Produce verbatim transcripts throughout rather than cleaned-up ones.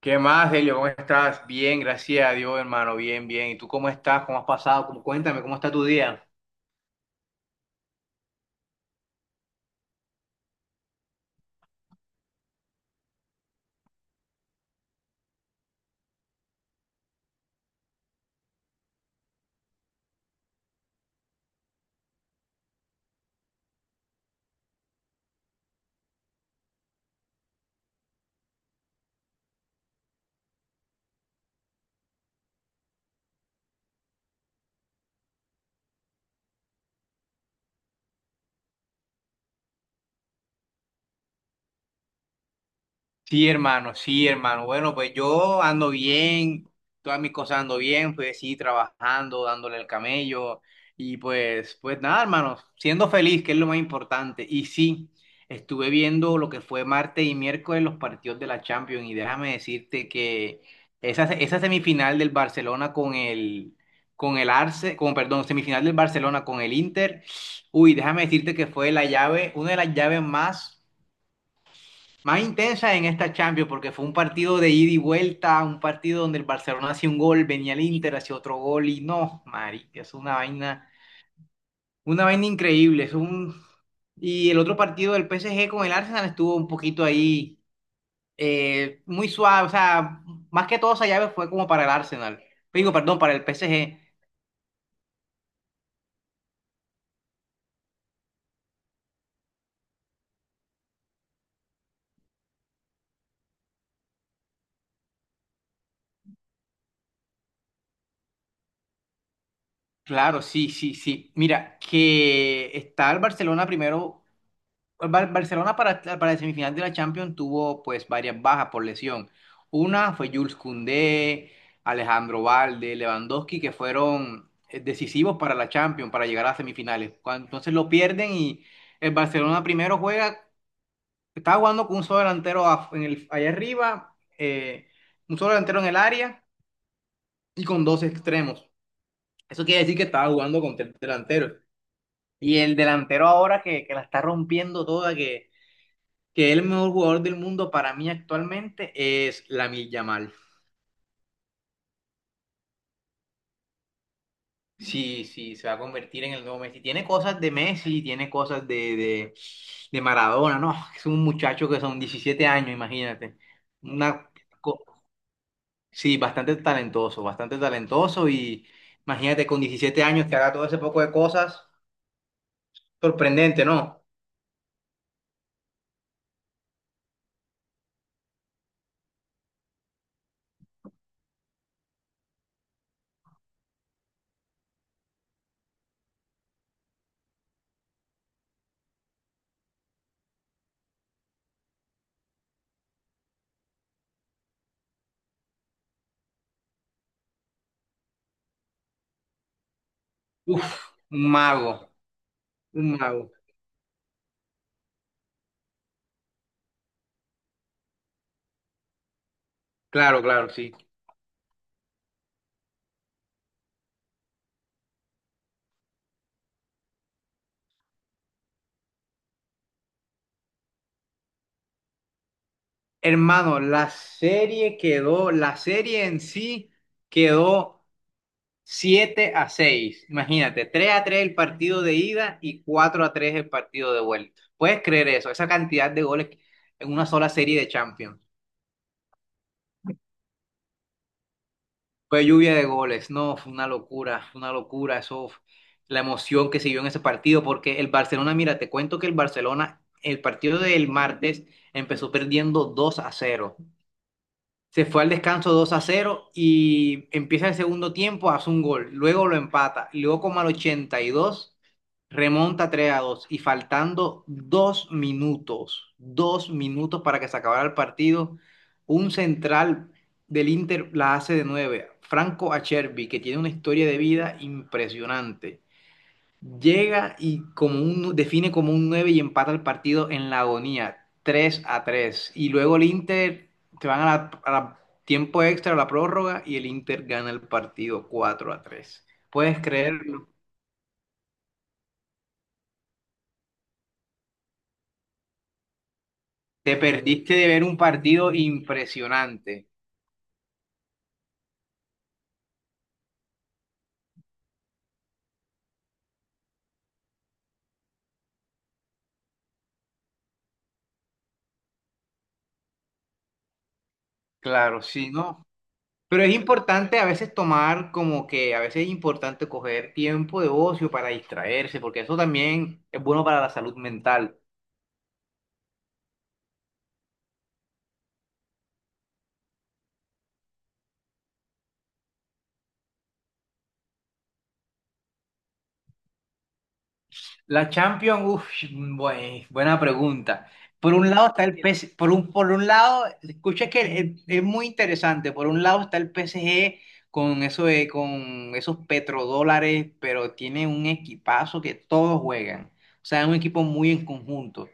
¿Qué más, Delio? ¿Cómo estás? Bien, gracias a Dios, hermano. Bien, bien. ¿Y tú cómo estás? ¿Cómo has pasado? ¿Cómo- Cuéntame, ¿cómo está tu día? Sí, hermano, sí, hermano. Bueno, pues yo ando bien, todas mis cosas ando bien, pues sí, trabajando, dándole el camello y pues, pues nada, hermano, siendo feliz, que es lo más importante. Y sí, estuve viendo lo que fue martes y miércoles los partidos de la Champions y déjame decirte que esa, esa semifinal del Barcelona con el, con el Arce, con, perdón, semifinal del Barcelona con el Inter. Uy, déjame decirte que fue la llave, una de las llaves más más intensa en esta Champions, porque fue un partido de ida y vuelta, un partido donde el Barcelona hacía un gol, venía el Inter, hacía otro gol, y no, Mari, es una vaina, una vaina increíble. Es un... Y el otro partido del P S G con el Arsenal estuvo un poquito ahí, eh, muy suave, o sea, más que todo esa llave fue como para el Arsenal. Digo, perdón, para el P S G. Claro, sí, sí, sí. Mira, que está el Barcelona primero. Bar- Barcelona para, para el semifinal de la Champions tuvo pues varias bajas por lesión. Una fue Jules Koundé, Alejandro Valde, Lewandowski, que fueron eh, decisivos para la Champions, para llegar a semifinales. Cuando- entonces lo pierden y el Barcelona primero juega, estaba jugando con un solo delantero af- en el, allá arriba, eh, un solo delantero en el área y con dos extremos. Eso quiere decir que estaba jugando con tres delanteros. Y el delantero ahora que, que la está rompiendo toda, que que el mejor jugador del mundo para mí actualmente es Lamil Yamal. Sí, sí, se va a convertir en el nuevo Messi. Tiene cosas de Messi, tiene cosas de, de, de Maradona, ¿no? Es un muchacho que son diecisiete años, imagínate. Una, co- sí, bastante talentoso, bastante talentoso y imagínate con diecisiete años que haga todo ese poco de cosas. Sorprendente, ¿no? Uf, un mago, un mago. Claro, claro, sí. Hermano, la serie quedó, la serie en sí quedó siete a seis. Imagínate, tres a tres el partido de ida y cuatro a tres el partido de vuelta. ¿Puedes creer eso? Esa cantidad de goles en una sola serie de Champions. Fue lluvia de goles. No, fue una locura, fue una locura. Eso, la emoción que se vio en ese partido, porque el Barcelona, mira, te cuento que el Barcelona, el partido del martes empezó perdiendo dos a cero. Se fue al descanso dos a cero y empieza el segundo tiempo, hace un gol, luego lo empata, y luego como al ochenta y dos remonta tres a dos y faltando dos minutos, dos minutos para que se acabara el partido, un central del Inter la hace de nueve Franco Acerbi, que tiene una historia de vida impresionante. Llega y como un, define como un nueve y empata el partido en la agonía, tres a tres. Y luego el Inter se van a, la- a la- tiempo extra, a la prórroga, y el Inter gana el partido cuatro a tres. ¿Puedes creerlo? Te perdiste de ver un partido impresionante. Claro, sí, ¿no? Pero es importante a veces tomar como que a veces es importante coger tiempo de ocio para distraerse, porque eso también es bueno para la salud mental. La Champions, uff, buen- buena pregunta. Por un lado está el P S G, por un, por un lado, escucha que es, es muy interesante. Por un lado está el P S G con eso de- con esos petrodólares, pero tiene un equipazo que todos juegan. O sea, es un equipo muy en conjunto.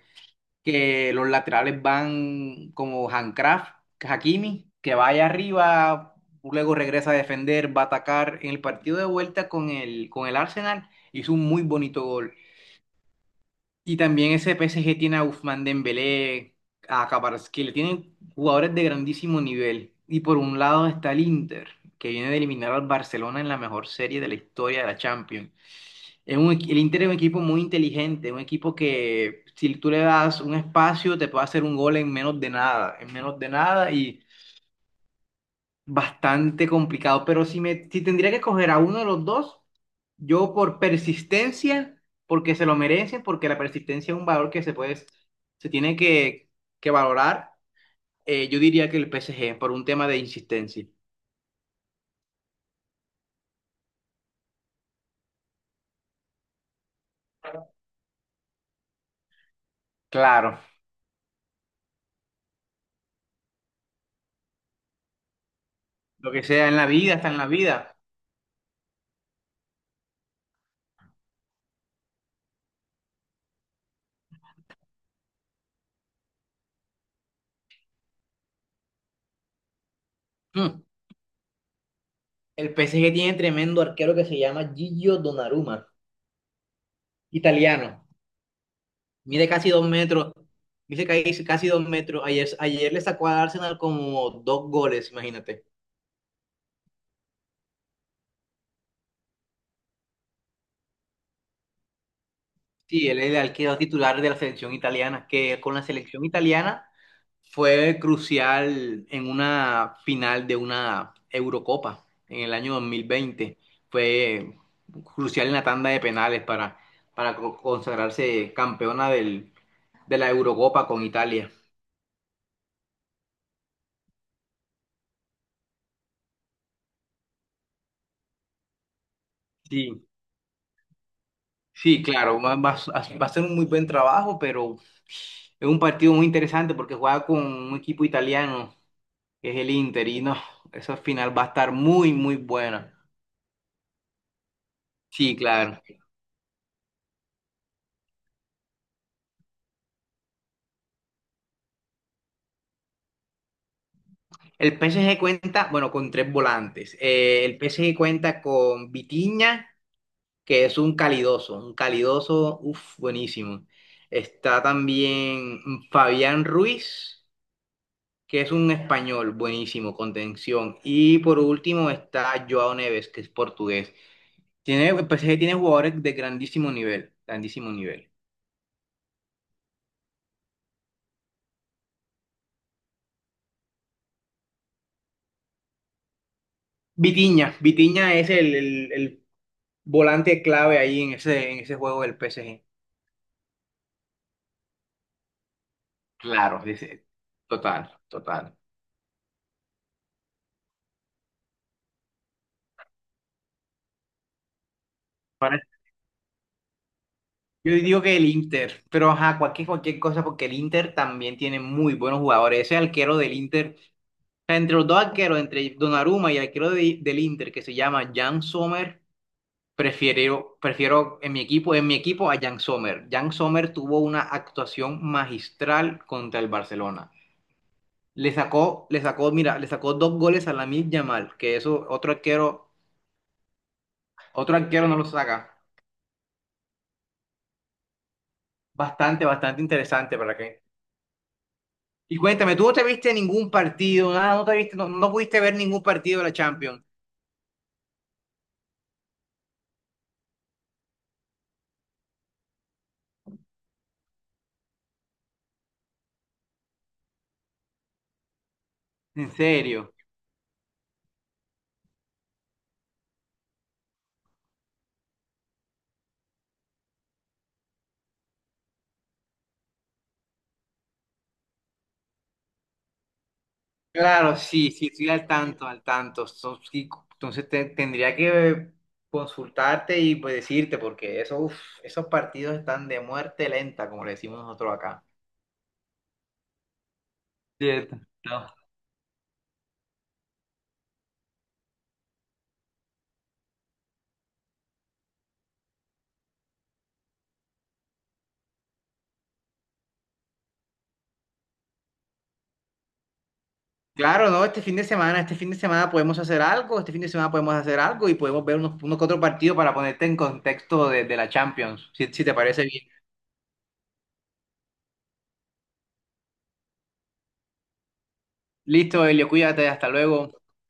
Que los laterales van como Handcraft, Hakimi, que vaya arriba, luego regresa a defender, va a atacar. En el partido de vuelta con el, con el Arsenal hizo un muy bonito gol. Y también ese P S G tiene a Ousmane Dembélé, a Kvaratskhelia, tienen jugadores de grandísimo nivel. Y por un lado está el Inter, que viene de eliminar al Barcelona en la mejor serie de la historia de la Champions. Es un equi- el Inter es un equipo muy inteligente, un equipo que si tú le das un espacio te puede hacer un gol en menos de nada, en menos de nada y bastante complicado, pero si me, si tendría que escoger a uno de los dos, yo por persistencia, porque se lo merecen, porque la persistencia es un valor que se puede, se tiene que, que valorar, eh, yo diría que el P S G, por un tema de insistencia. Claro, lo que sea en la vida, está en la vida. Mm. El P S G tiene tremendo arquero que se llama Gigio Donnarumma, italiano. Mide casi dos metros, dice que hay casi dos metros. Ayer, ayer le sacó al Arsenal como dos goles, imagínate. Sí, él, él quedó titular de la selección italiana, que con la selección italiana fue crucial en una final de una Eurocopa en el año dos mil veinte. Fue crucial en la tanda de penales para, para co- consagrarse campeona del- de la Eurocopa con Italia. Sí, sí, claro, va, va a va a ser un muy buen trabajo, pero es un partido muy interesante porque juega con un equipo italiano, que es el Inter, y no, esa final va a estar muy, muy buena. Sí, claro. El P S G cuenta, bueno, con tres volantes. Eh, el P S G cuenta con Vitinha, que es un calidoso, un calidoso, uff, buenísimo. Está también Fabián Ruiz, que es un español, buenísimo, contención. Y por último está Joao Neves, que es portugués. Tiene, el P S G tiene jugadores de grandísimo nivel, grandísimo nivel. Vitinha, Vitinha es el, el- el volante clave ahí en ese, en ese juego del P S G. Claro, dice, total, total. Ahora, yo digo que el Inter, pero ajá, cualquier, cualquier cosa, porque el Inter también tiene muy buenos jugadores. Ese arquero del Inter, o sea, entre los dos arqueros, entre Donnarumma y el arquero de- del Inter, que se llama Jan Sommer, prefiero, prefiero en mi equipo, en mi equipo a Jan Sommer. Jan Sommer tuvo una actuación magistral contra el Barcelona. Le sacó, le sacó, mira, le sacó dos goles a Lamine Yamal, que eso otro arquero, otro arquero no lo saca. Bastante, bastante interesante, ¿para qué? Y cuéntame, ¿tú no te viste ningún partido? Nada, no te viste, no, no pudiste ver ningún partido de la Champions. En serio. Claro, sí, sí, estoy al tanto, al tanto. So- sí, entonces te- tendría que consultarte y pues, decirte, porque eso, uf, esos partidos están de muerte lenta, como le decimos nosotros acá. Cierto. No. Claro, no, este fin de semana, este fin de semana podemos hacer algo, este fin de semana podemos hacer algo y podemos ver unos, unos que otros partidos para ponerte en contexto de, de la Champions, si, si te parece bien. Listo, Elio, cuídate, hasta luego.